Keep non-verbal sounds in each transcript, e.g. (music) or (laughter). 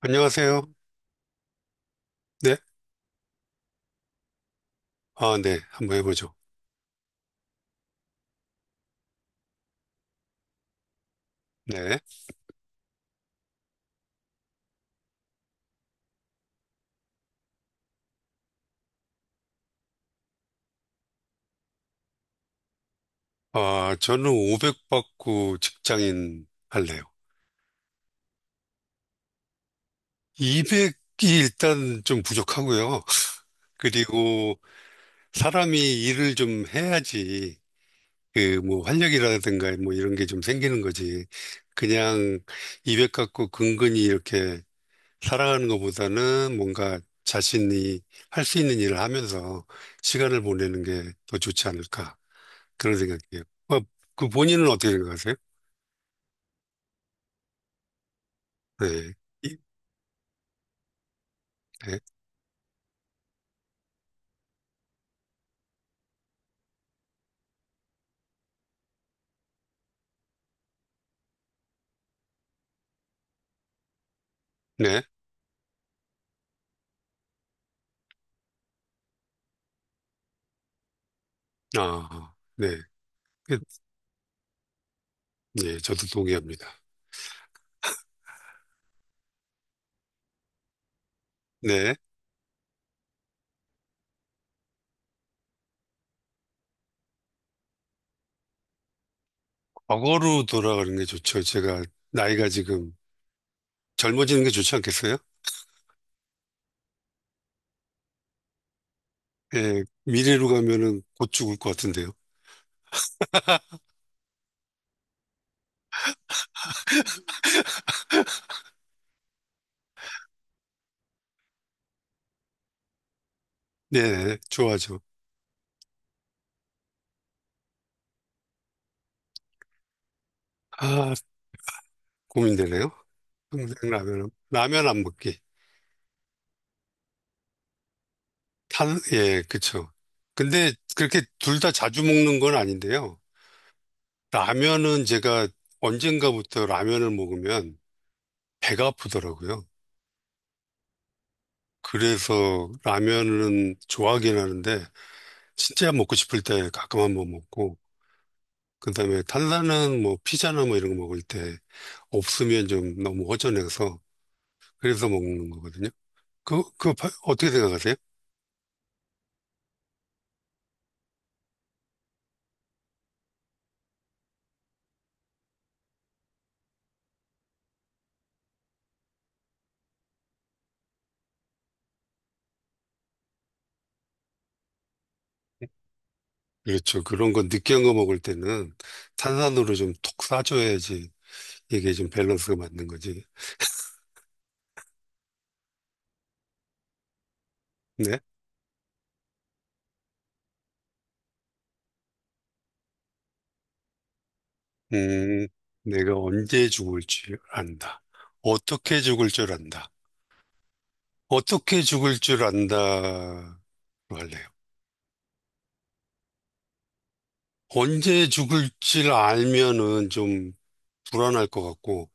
안녕하세요. 네. 아, 네. 한번 해보죠. 네. 아, 저는 500 받고 직장인 할래요. 200이 일단 좀 부족하고요. (laughs) 그리고 사람이 일을 좀 해야지 그 뭐 활력이라든가 뭐 이런 게 좀 생기는 거지. 그냥 200 갖고 근근히 이렇게 살아가는 것보다는 뭔가 자신이 할 수 있는 일을 하면서 시간을 보내는 게 더 좋지 않을까. 그런 생각이에요. 어, 그 본인은 어떻게 생각하세요? 네. 이- 네. 네. 아, 네. 그- 네, 저도 동의합니다. 네. 과거로 돌아가는 게 좋죠. 제가 나이가 지금 젊어지는 게 좋지 않겠어요? 예, 미래로 가면은 곧 죽을 것 같은데요. 네, 좋아하죠. 아, 고민되네요. 평생 라면 안 먹기. 예, 그쵸. 근데 그렇게 둘 다 자주 먹는 건 아닌데요. 라면은 제가 언젠가부터 라면을 먹으면 배가 아프더라고요. 그래서 라면은 좋아하긴 하는데 진짜 먹고 싶을 때 가끔 한번 먹고 그다음에 탄산은 뭐 피자나 뭐 이런 거 먹을 때 없으면 좀 너무 허전해서 그래서 먹는 거거든요. 어떻게 생각하세요? 그렇죠. 그런 거 느끼한 거 먹을 때는 탄산으로 좀 톡 싸줘야지 이게 좀 밸런스가 맞는 거지. 네. 음, 내가 언제 죽을 줄 안다. 어떻게 죽을 줄 안다. 어떻게 죽을 줄 안다로 할래요. 언제 죽을지 알면은 좀 불안할 것 같고,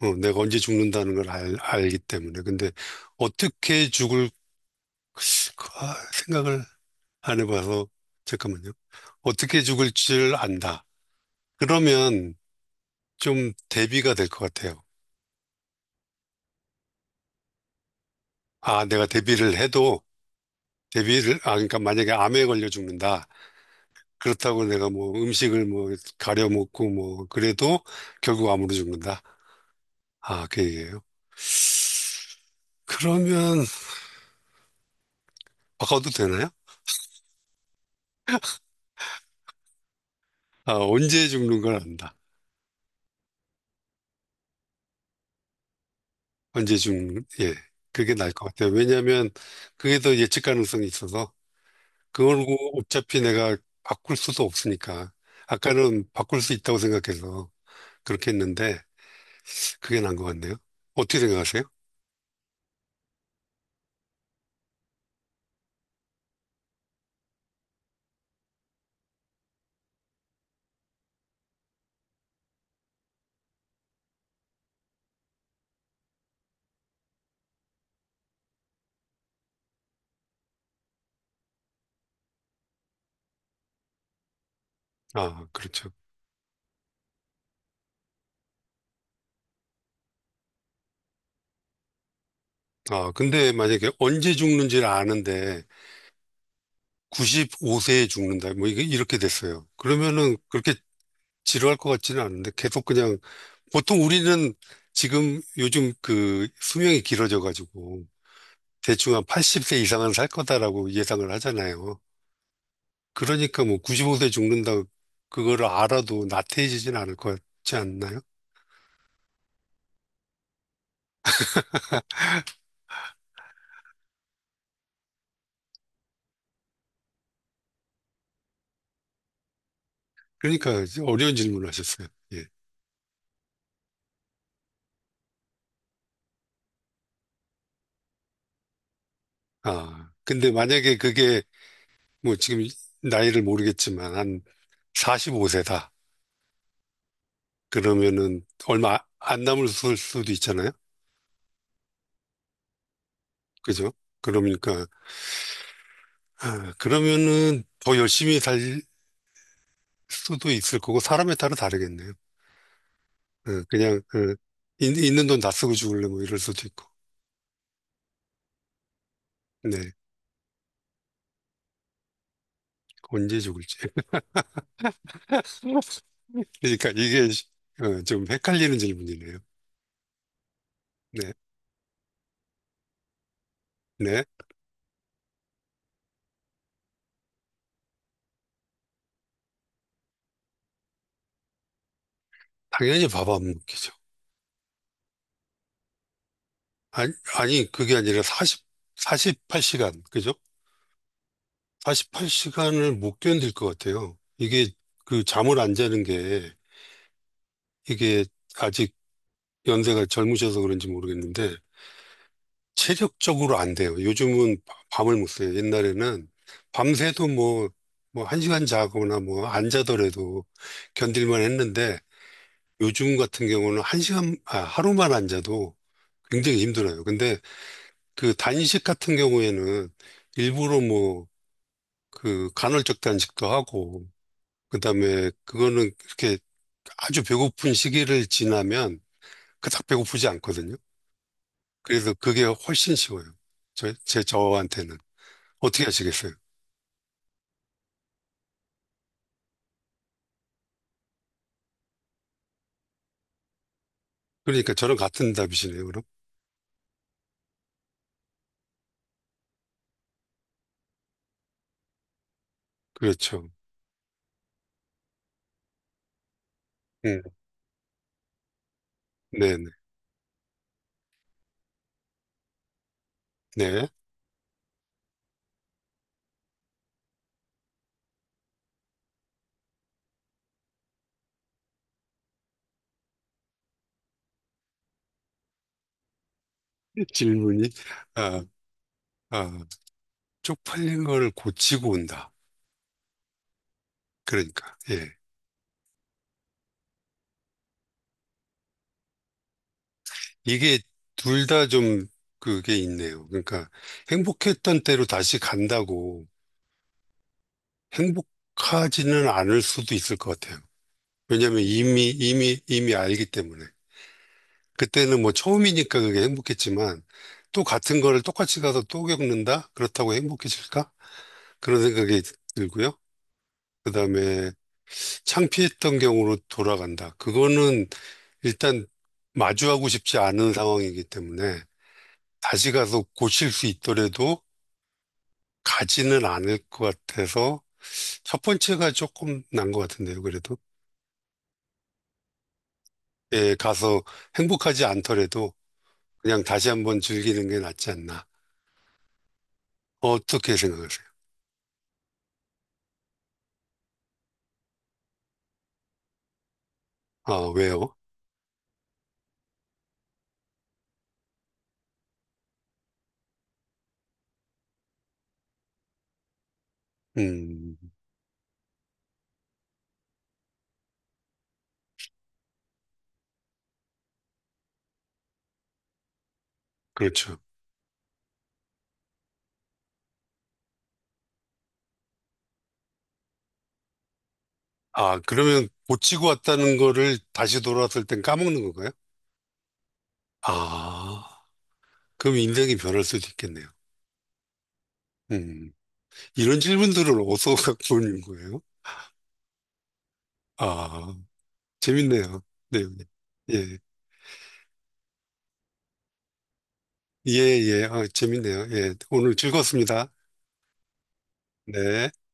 내가 언제 죽는다는 걸 알기 때문에. 근데 어떻게 죽을 까 생각을 안 해봐서, 잠깐만요. 어떻게 죽을 줄 안다. 그러면 좀 대비가 될 것 같아요. 아, 내가 대비를 해도, 아, 그러니까 만약에 암에 걸려 죽는다. 그렇다고 내가 뭐 음식을 뭐 가려 먹고 뭐 그래도 결국 암으로 죽는다. 아, 그 얘기예요. 그러면 바꿔도 되나요? 아, 언제 죽는 걸 안다. 언제 죽는, 예. 그게 나을 것 같아요. 왜냐하면 그게 더 예측 가능성이 있어서 그걸 어차피 내가 바꿀 수도 없으니까. 아까는 바꿀 수 있다고 생각해서 그렇게 했는데 그게 나은 것 같네요. 어떻게 생각하세요? 아, 그렇죠. 아, 근데 만약에 언제 죽는지를 아는데 95세에 죽는다. 뭐 이게 이렇게 됐어요. 그러면은 그렇게 지루할 것 같지는 않은데 계속 그냥 보통 우리는 지금 요즘 그 수명이 길어져 가지고 대충 한 80세 이상은 살 거다라고 예상을 하잖아요. 그러니까 뭐 95세 죽는다 그거를 알아도 나태해지진 않을 것 같지 않나요? 그러니까 이제 어려운 질문을 하셨어요. 예. 아, 근데 만약에 그게 뭐 지금 나이를 모르겠지만 한 45세다. 그러면은 얼마 안 남을 수도 있잖아요. 그죠? 그러니까 아, 그러면은 더 열심히 살 수도 있을 거고 사람에 따라 다르겠네요. 그냥 그 있는 돈 다 쓰고 죽을래 뭐 이럴 수도 있고. 네. 언제 죽을지. (laughs) 그러니까 이게 좀 헷갈리는 질문이네요. 네. 네. 당연히 밥 안 먹기죠. 아니, 아니 그게 아니라 사십 사 48시간. 그죠? 48시간을 못 견딜 것 같아요. 이게 그 잠을 안 자는 게 이게 아직 연세가 젊으셔서 그런지 모르겠는데 체력적으로 안 돼요. 요즘은 밤을 못 새요. 옛날에는 밤새도 뭐, 뭐 한 시간 자거나 뭐 안 자더라도 견딜만 했는데 요즘 같은 경우는 하루만 안 자도 굉장히 힘들어요. 근데 그 단식 같은 경우에는 일부러 뭐 그 간헐적 단식도 하고 그다음에 그거는 이렇게 아주 배고픈 시기를 지나면 그닥 배고프지 않거든요. 그래서 그게 훨씬 쉬워요. 저, 제 저한테는. 어떻게 하시겠어요? 그러니까 저랑 같은 답이시네요, 그럼? 그렇죠. 음, 네네. 네. (laughs) 질문이, 아, 아, 쪽팔린 걸 고치고 온다. 그러니까, 예. 이게 둘 다 좀 그게 있네요. 그러니까 행복했던 때로 다시 간다고 행복하지는 않을 수도 있을 것 같아요. 왜냐하면 이미, 이미, 이미 알기 때문에. 그때는 뭐 처음이니까 그게 행복했지만 또 같은 거를 똑같이 가서 또 겪는다? 그렇다고 행복해질까? 그런 생각이 들고요. 그다음에 창피했던 경우로 돌아간다. 그거는 일단 마주하고 싶지 않은 상황이기 때문에 다시 가서 고칠 수 있더라도 가지는 않을 것 같아서 첫 번째가 조금 난 것 같은데요. 그래도 예, 가서 행복하지 않더라도 그냥 다시 한번 즐기는 게 낫지 않나. 어떻게 생각하세요? 아, 왜요? 음, 그렇죠. 아, 그러면 고치고 왔다는 거를 다시 돌아왔을 땐 까먹는 건가요? 아, 그럼 인생이 변할 수도 있겠네요. 음, 이런 질문들을 어디서 갖고 오는 거예요? 아, 재밌네요. 네, 네. 예, 예, 예, 아, 재밌네요. 예, 오늘 즐거웠습니다. 네.